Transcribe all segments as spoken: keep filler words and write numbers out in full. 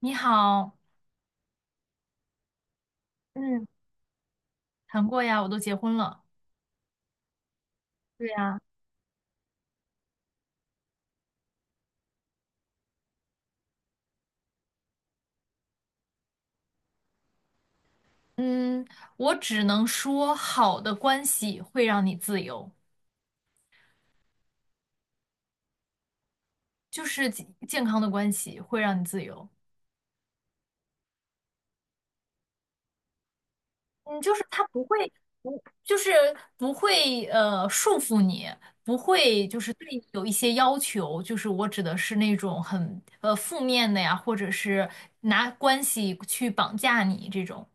你好。嗯，谈过呀，我都结婚了。对呀。嗯，我只能说，好的关系会让你自由，就是健健康的关系会让你自由。嗯，就是他不会，不就是不会呃束缚你，不会就是对你有一些要求。就是我指的是那种很呃负面的呀，或者是拿关系去绑架你这种。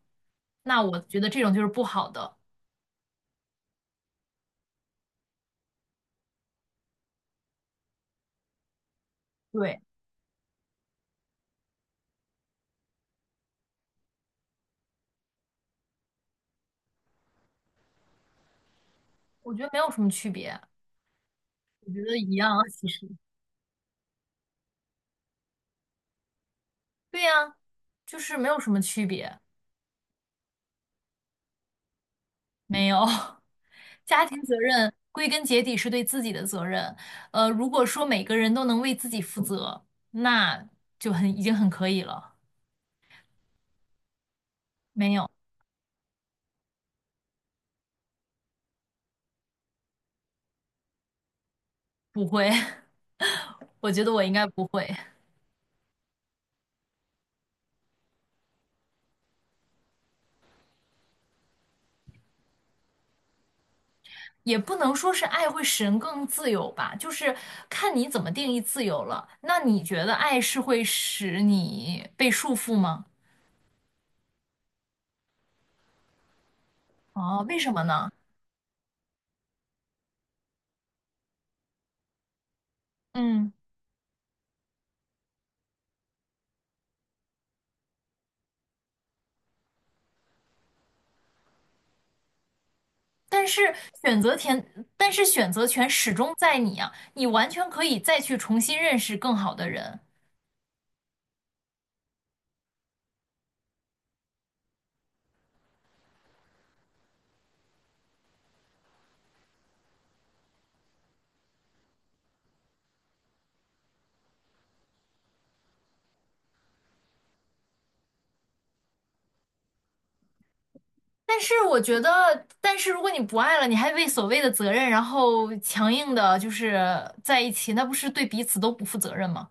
那我觉得这种就是不好的。对，我觉得没有什么区别。我觉得一样，其实对呀，就是没有什么区别，没有。家庭责任归根结底是对自己的责任，呃，如果说每个人都能为自己负责，那就很已经很可以了。没有。不会。我觉得我应该不会，也不能说是爱会使人更自由吧，就是看你怎么定义自由了。那你觉得爱是会使你被束缚吗？哦，为什么呢？嗯。但是选择权，但是选择权始终在你啊，你完全可以再去重新认识更好的人。但是我觉得，但是如果你不爱了，你还为所谓的责任，然后强硬的就是在一起，那不是对彼此都不负责任吗？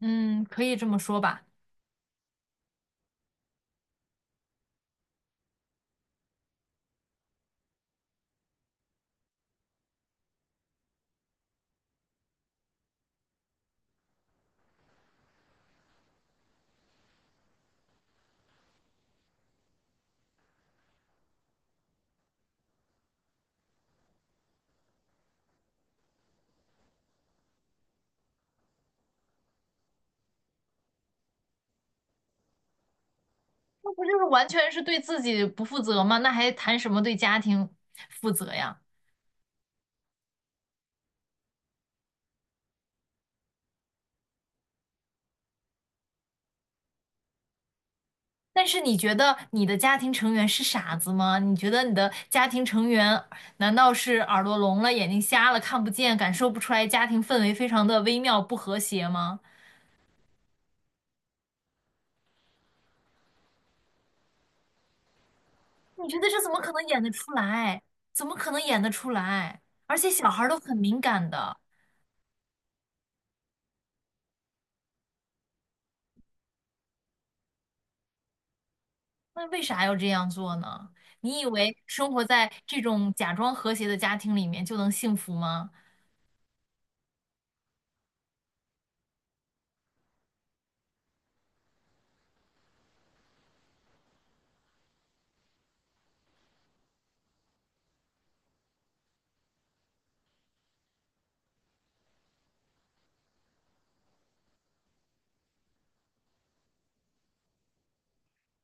嗯，可以这么说吧。那不就是完全是对自己不负责吗？那还谈什么对家庭负责呀？但是你觉得你的家庭成员是傻子吗？你觉得你的家庭成员难道是耳朵聋了、眼睛瞎了、看不见、感受不出来家庭氛围非常的微妙不和谐吗？你觉得这怎么可能演得出来？怎么可能演得出来？而且小孩儿都很敏感的，那为啥要这样做呢？你以为生活在这种假装和谐的家庭里面就能幸福吗？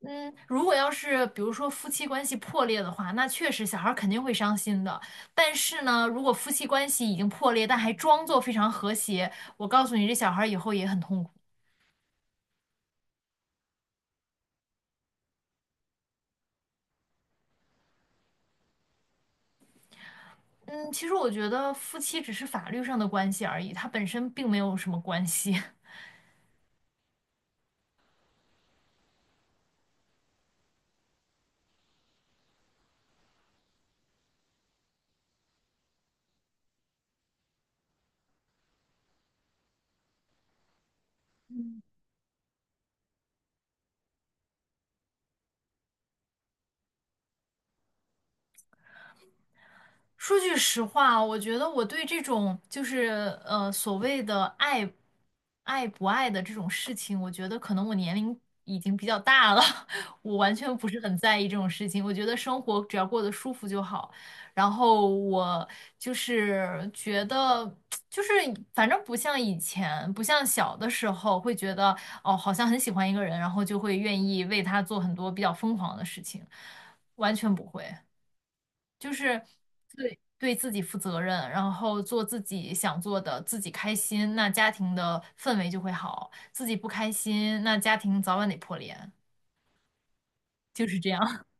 嗯，如果要是比如说夫妻关系破裂的话，那确实小孩儿肯定会伤心的。但是呢，如果夫妻关系已经破裂，但还装作非常和谐，我告诉你，这小孩儿以后也很痛苦。嗯，其实我觉得夫妻只是法律上的关系而已，它本身并没有什么关系。说句实话，我觉得我对这种就是呃所谓的爱爱不爱的这种事情，我觉得可能我年龄已经比较大了，我完全不是很在意这种事情。我觉得生活只要过得舒服就好。然后我就是觉得，就是反正不像以前，不像小的时候会觉得哦，好像很喜欢一个人，然后就会愿意为他做很多比较疯狂的事情，完全不会。就是对对自己负责任，然后做自己想做的，自己开心，那家庭的氛围就会好；自己不开心，那家庭早晚得破裂，就是这样。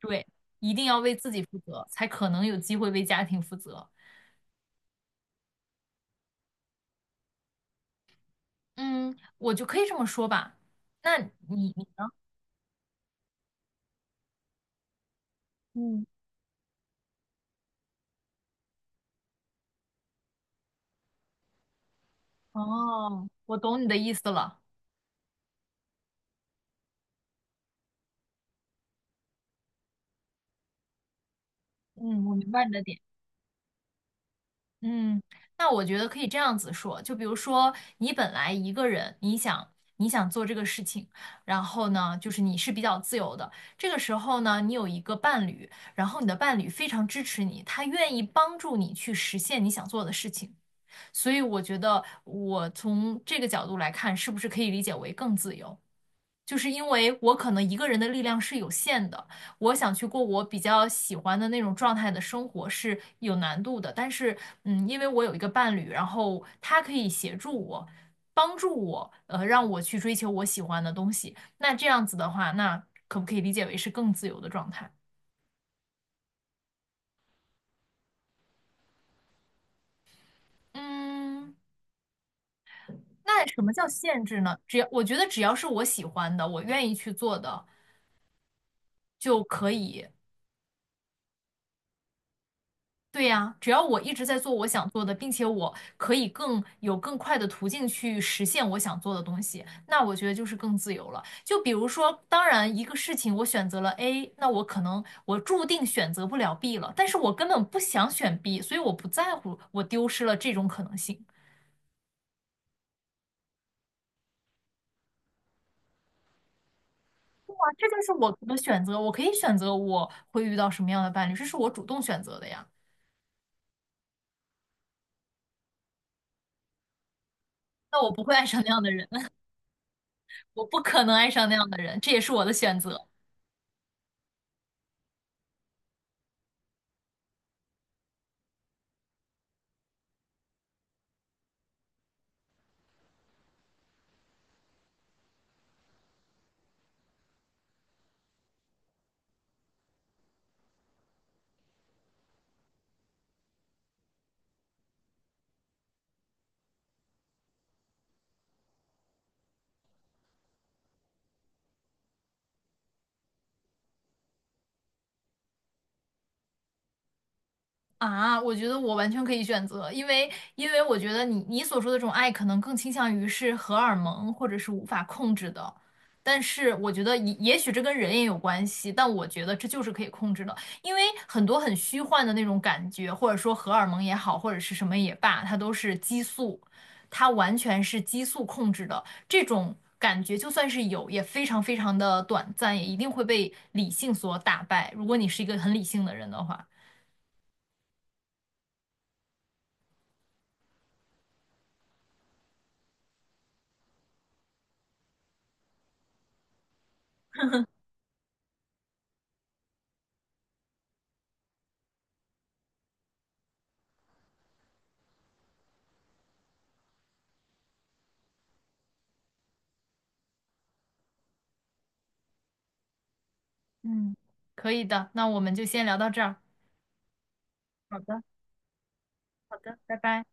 对，一定要为自己负责，才可能有机会为家庭负责。嗯，我就可以这么说吧。那你你呢？嗯。哦，我懂你的意思了。嗯，我明白你的点。嗯，那我觉得可以这样子说，就比如说你本来一个人，你想你想做这个事情，然后呢，就是你是比较自由的，这个时候呢，你有一个伴侣，然后你的伴侣非常支持你，他愿意帮助你去实现你想做的事情，所以我觉得我从这个角度来看，是不是可以理解为更自由？就是因为我可能一个人的力量是有限的，我想去过我比较喜欢的那种状态的生活是有难度的。但是，嗯，因为我有一个伴侣，然后他可以协助我，帮助我，呃，让我去追求我喜欢的东西。那这样子的话，那可不可以理解为是更自由的状态？嗯，那什么叫限制呢？只要我觉得只要是我喜欢的，我愿意去做的就可以。对呀，只要我一直在做我想做的，并且我可以更有更快的途径去实现我想做的东西，那我觉得就是更自由了。就比如说，当然一个事情我选择了 A，那我可能我注定选择不了 B 了，但是我根本不想选 B，所以我不在乎我丢失了这种可能性。哇，这就是我的选择，我可以选择我会遇到什么样的伴侣，这是我主动选择的呀。那我不会爱上那样的人，我不可能爱上那样的人，这也是我的选择。啊，我觉得我完全可以选择，因为因为我觉得你你所说的这种爱，可能更倾向于是荷尔蒙或者是无法控制的，但是我觉得也也许这跟人也有关系，但我觉得这就是可以控制的，因为很多很虚幻的那种感觉，或者说荷尔蒙也好，或者是什么也罢，它都是激素，它完全是激素控制的，这种感觉就算是有，也非常非常的短暂，也一定会被理性所打败，如果你是一个很理性的人的话。嗯，可以的，那我们就先聊到这儿。好的，好的，拜拜。